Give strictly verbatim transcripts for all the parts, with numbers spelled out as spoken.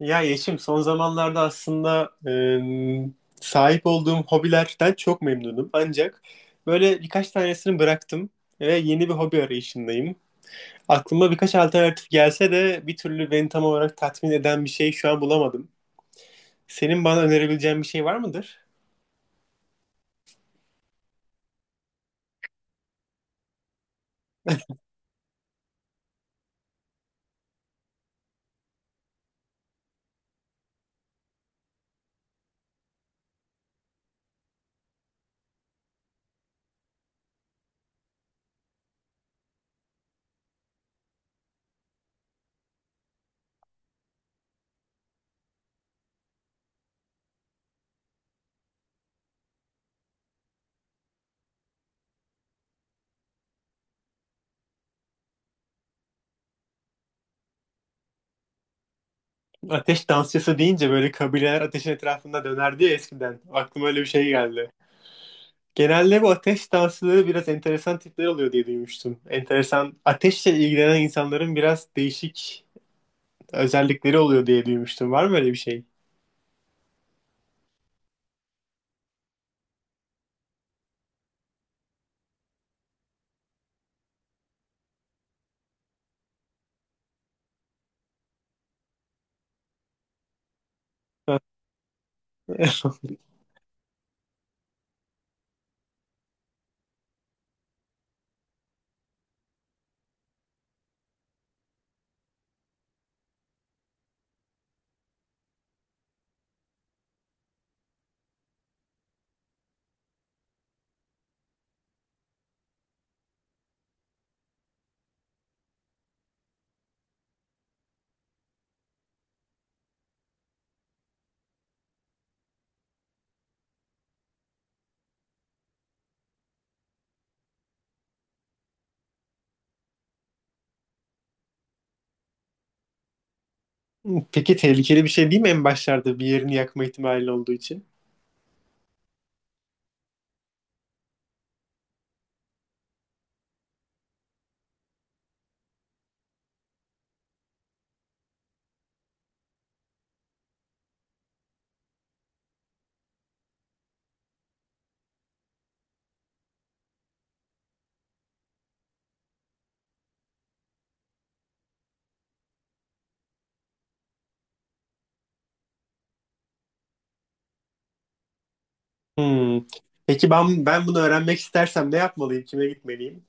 Ya Yeşim, son zamanlarda aslında e, sahip olduğum hobilerden çok memnunum. Ancak böyle birkaç tanesini bıraktım ve yeni bir hobi arayışındayım. Aklıma birkaç alternatif gelse de bir türlü beni tam olarak tatmin eden bir şey şu an bulamadım. Senin bana önerebileceğin bir şey var mıdır? Ateş dansçısı deyince böyle kabileler ateşin etrafında dönerdi ya eskiden. Aklıma öyle bir şey geldi. Genelde bu ateş dansçıları biraz enteresan tipler oluyor diye duymuştum. Enteresan, ateşle ilgilenen insanların biraz değişik özellikleri oluyor diye duymuştum. Var mı öyle bir şey? Peki tehlikeli bir şey değil mi, en başlarda bir yerini yakma ihtimali olduğu için? Hmm. Peki ben ben bunu öğrenmek istersem ne yapmalıyım? Kime gitmeliyim?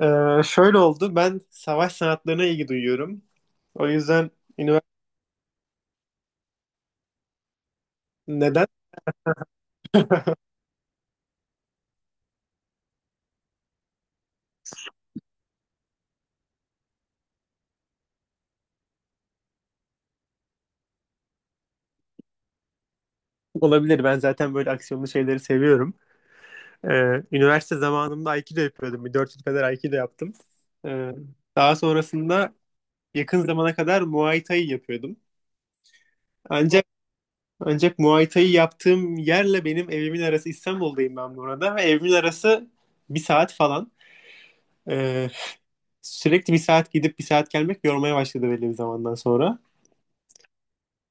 Ee, şöyle oldu. Ben savaş sanatlarına ilgi duyuyorum. O yüzden üniversite neden olabilir? Ben zaten böyle aksiyonlu şeyleri seviyorum. Ee, üniversite zamanımda Aikido yapıyordum. Bir dört yıl kadar Aikido yaptım. Ee, daha sonrasında yakın zamana kadar Muay Thai yapıyordum. Ancak Ancak Muay Thai yaptığım yerle benim evimin arası, İstanbul'dayım ben bu arada, ve evimin arası bir saat falan. Ee, sürekli bir saat gidip bir saat gelmek yormaya başladı belli bir zamandan sonra.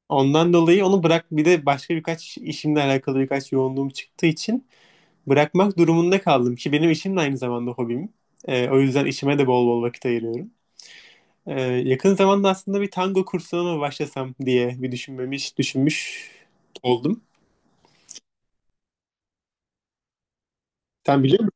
Ondan dolayı onu bırak, bir de başka birkaç işimle alakalı birkaç yoğunluğum çıktığı için bırakmak durumunda kaldım ki benim işim de aynı zamanda hobim. Ee, o yüzden işime de bol bol vakit ayırıyorum. Ee, yakın zamanda aslında bir tango kursuna mı başlasam diye bir düşünmemiş, düşünmüş oldum. Sen biliyor...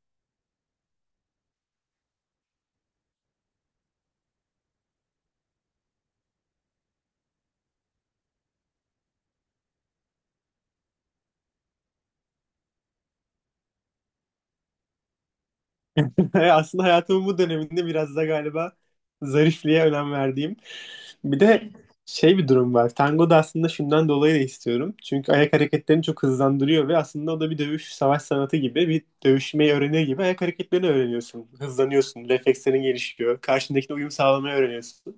Aslında hayatımın bu döneminde biraz da galiba zarifliğe önem verdiğim. Bir de şey, bir durum var. Tango da aslında şundan dolayı da istiyorum. Çünkü ayak hareketlerini çok hızlandırıyor ve aslında o da bir dövüş, savaş sanatı gibi, bir dövüşmeyi öğrenir gibi ayak hareketlerini öğreniyorsun. Hızlanıyorsun, reflekslerin gelişiyor, karşındakine uyum sağlamayı öğreniyorsun.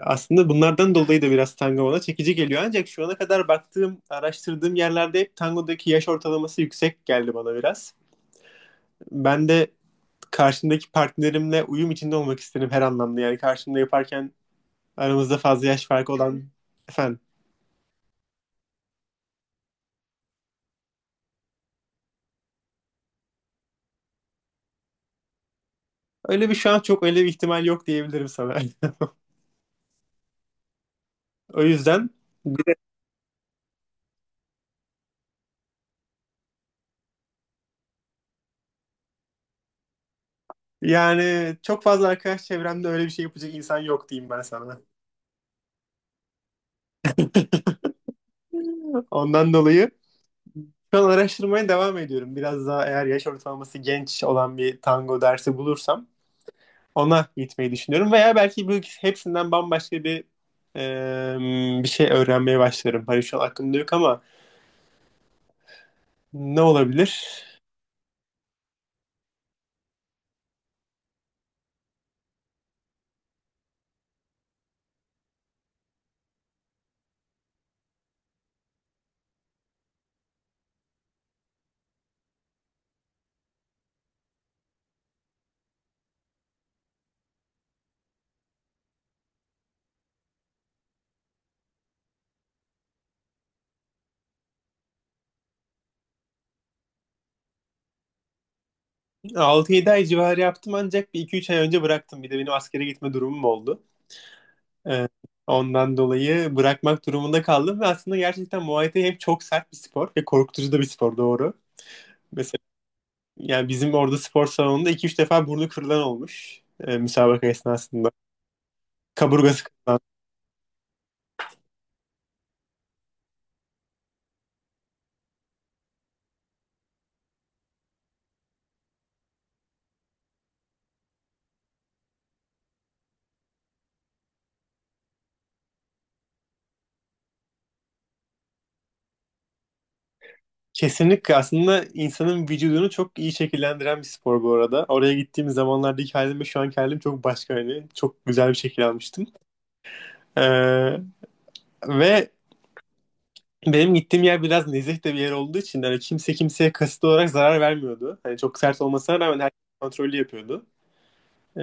Aslında bunlardan dolayı da biraz tango bana çekici geliyor. Ancak şu ana kadar baktığım, araştırdığım yerlerde hep tangodaki yaş ortalaması yüksek geldi bana biraz. Ben de karşımdaki partnerimle uyum içinde olmak isterim her anlamda. Yani karşımda yaparken aramızda fazla yaş farkı olan... Efendim? Öyle bir, şu an çok öyle bir ihtimal yok diyebilirim sana. O yüzden yani çok fazla arkadaş çevremde öyle bir şey yapacak insan yok diyeyim ben sana. Ondan dolayı şu an araştırmaya devam ediyorum. Biraz daha, eğer yaş ortalaması genç olan bir tango dersi bulursam, ona gitmeyi düşünüyorum. Veya belki bu hepsinden bambaşka bir e, bir şey öğrenmeye başlarım. Hani şu an aklımda yok ama ne olabilir? Altı yedi ay civarı yaptım ancak bir iki üç ay önce bıraktım. Bir de benim askere gitme durumum oldu. Ee, ondan dolayı bırakmak durumunda kaldım ve aslında gerçekten Muay Thai hem çok sert bir spor ve korkutucu da bir spor, doğru. Mesela yani bizim orada spor salonunda iki üç defa burnu kırılan olmuş e, müsabaka esnasında. Kaburgası kırılan. Kesinlikle aslında insanın vücudunu çok iyi şekillendiren bir spor bu arada. Oraya gittiğim zamanlardaki halim ve şu anki halim çok başka hani. Çok güzel bir şekil almıştım. Ee, ve Benim gittiğim yer biraz nezih de bir yer olduğu için hani kimse kimseye kasıtlı olarak zarar vermiyordu. Hani çok sert olmasına rağmen herkes kontrollü yapıyordu. Ee,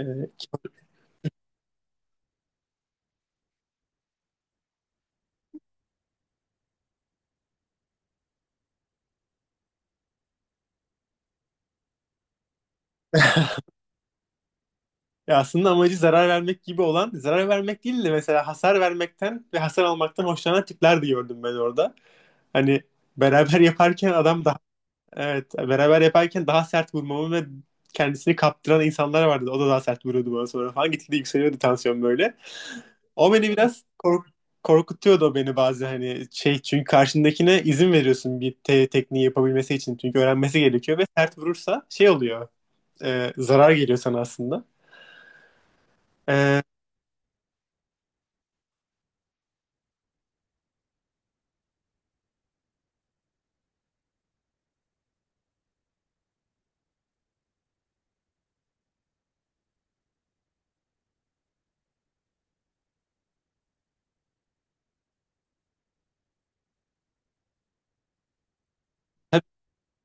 ya aslında amacı zarar vermek gibi olan, zarar vermek değil de mesela hasar vermekten ve hasar almaktan hoşlanan tipler de gördüm ben orada. Hani beraber yaparken adam daha, evet, beraber yaparken daha sert vurmamı ve kendisini kaptıran insanlar vardı. O da daha sert vuruyordu bana sonra falan. Gitgide yükseliyordu tansiyon böyle. O beni biraz kork- korkutuyordu beni, bazı hani şey, çünkü karşındakine izin veriyorsun bir te- tekniği yapabilmesi için, çünkü öğrenmesi gerekiyor, ve sert vurursa şey oluyor, e, zarar geliyor sana aslında. E,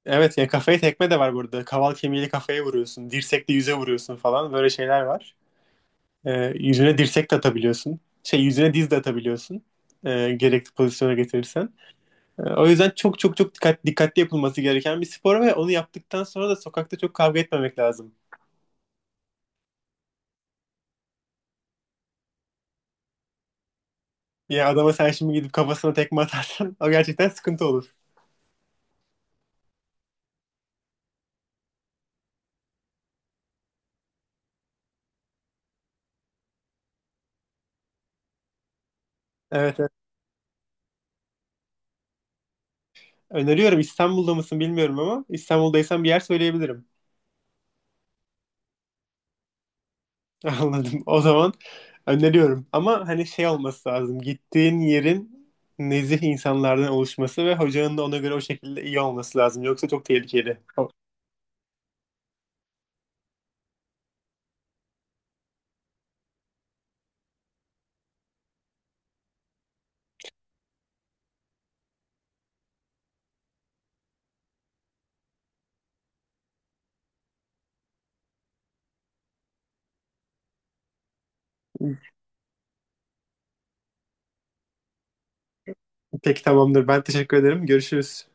evet ya, kafaya tekme de var burada. Kaval kemiğiyle kafaya vuruyorsun, dirsekle yüze vuruyorsun falan, böyle şeyler var. E, yüzüne dirsek de atabiliyorsun. Şey, yüzüne diz de atabiliyorsun. E, gerekli pozisyona getirirsen. E, O yüzden çok çok çok dikkat, dikkatli yapılması gereken bir spor ve onu yaptıktan sonra da sokakta çok kavga etmemek lazım. Ya adama sen şimdi gidip kafasına tekme atarsan o gerçekten sıkıntı olur. Evet, evet. Öneriyorum. İstanbul'da mısın bilmiyorum ama İstanbul'daysan bir yer söyleyebilirim. Anladım. O zaman öneriyorum. Ama hani şey olması lazım. Gittiğin yerin nezih insanlardan oluşması ve hocanın da ona göre, o şekilde iyi olması lazım. Yoksa çok tehlikeli. O- Peki, tamamdır. Ben teşekkür ederim. Görüşürüz.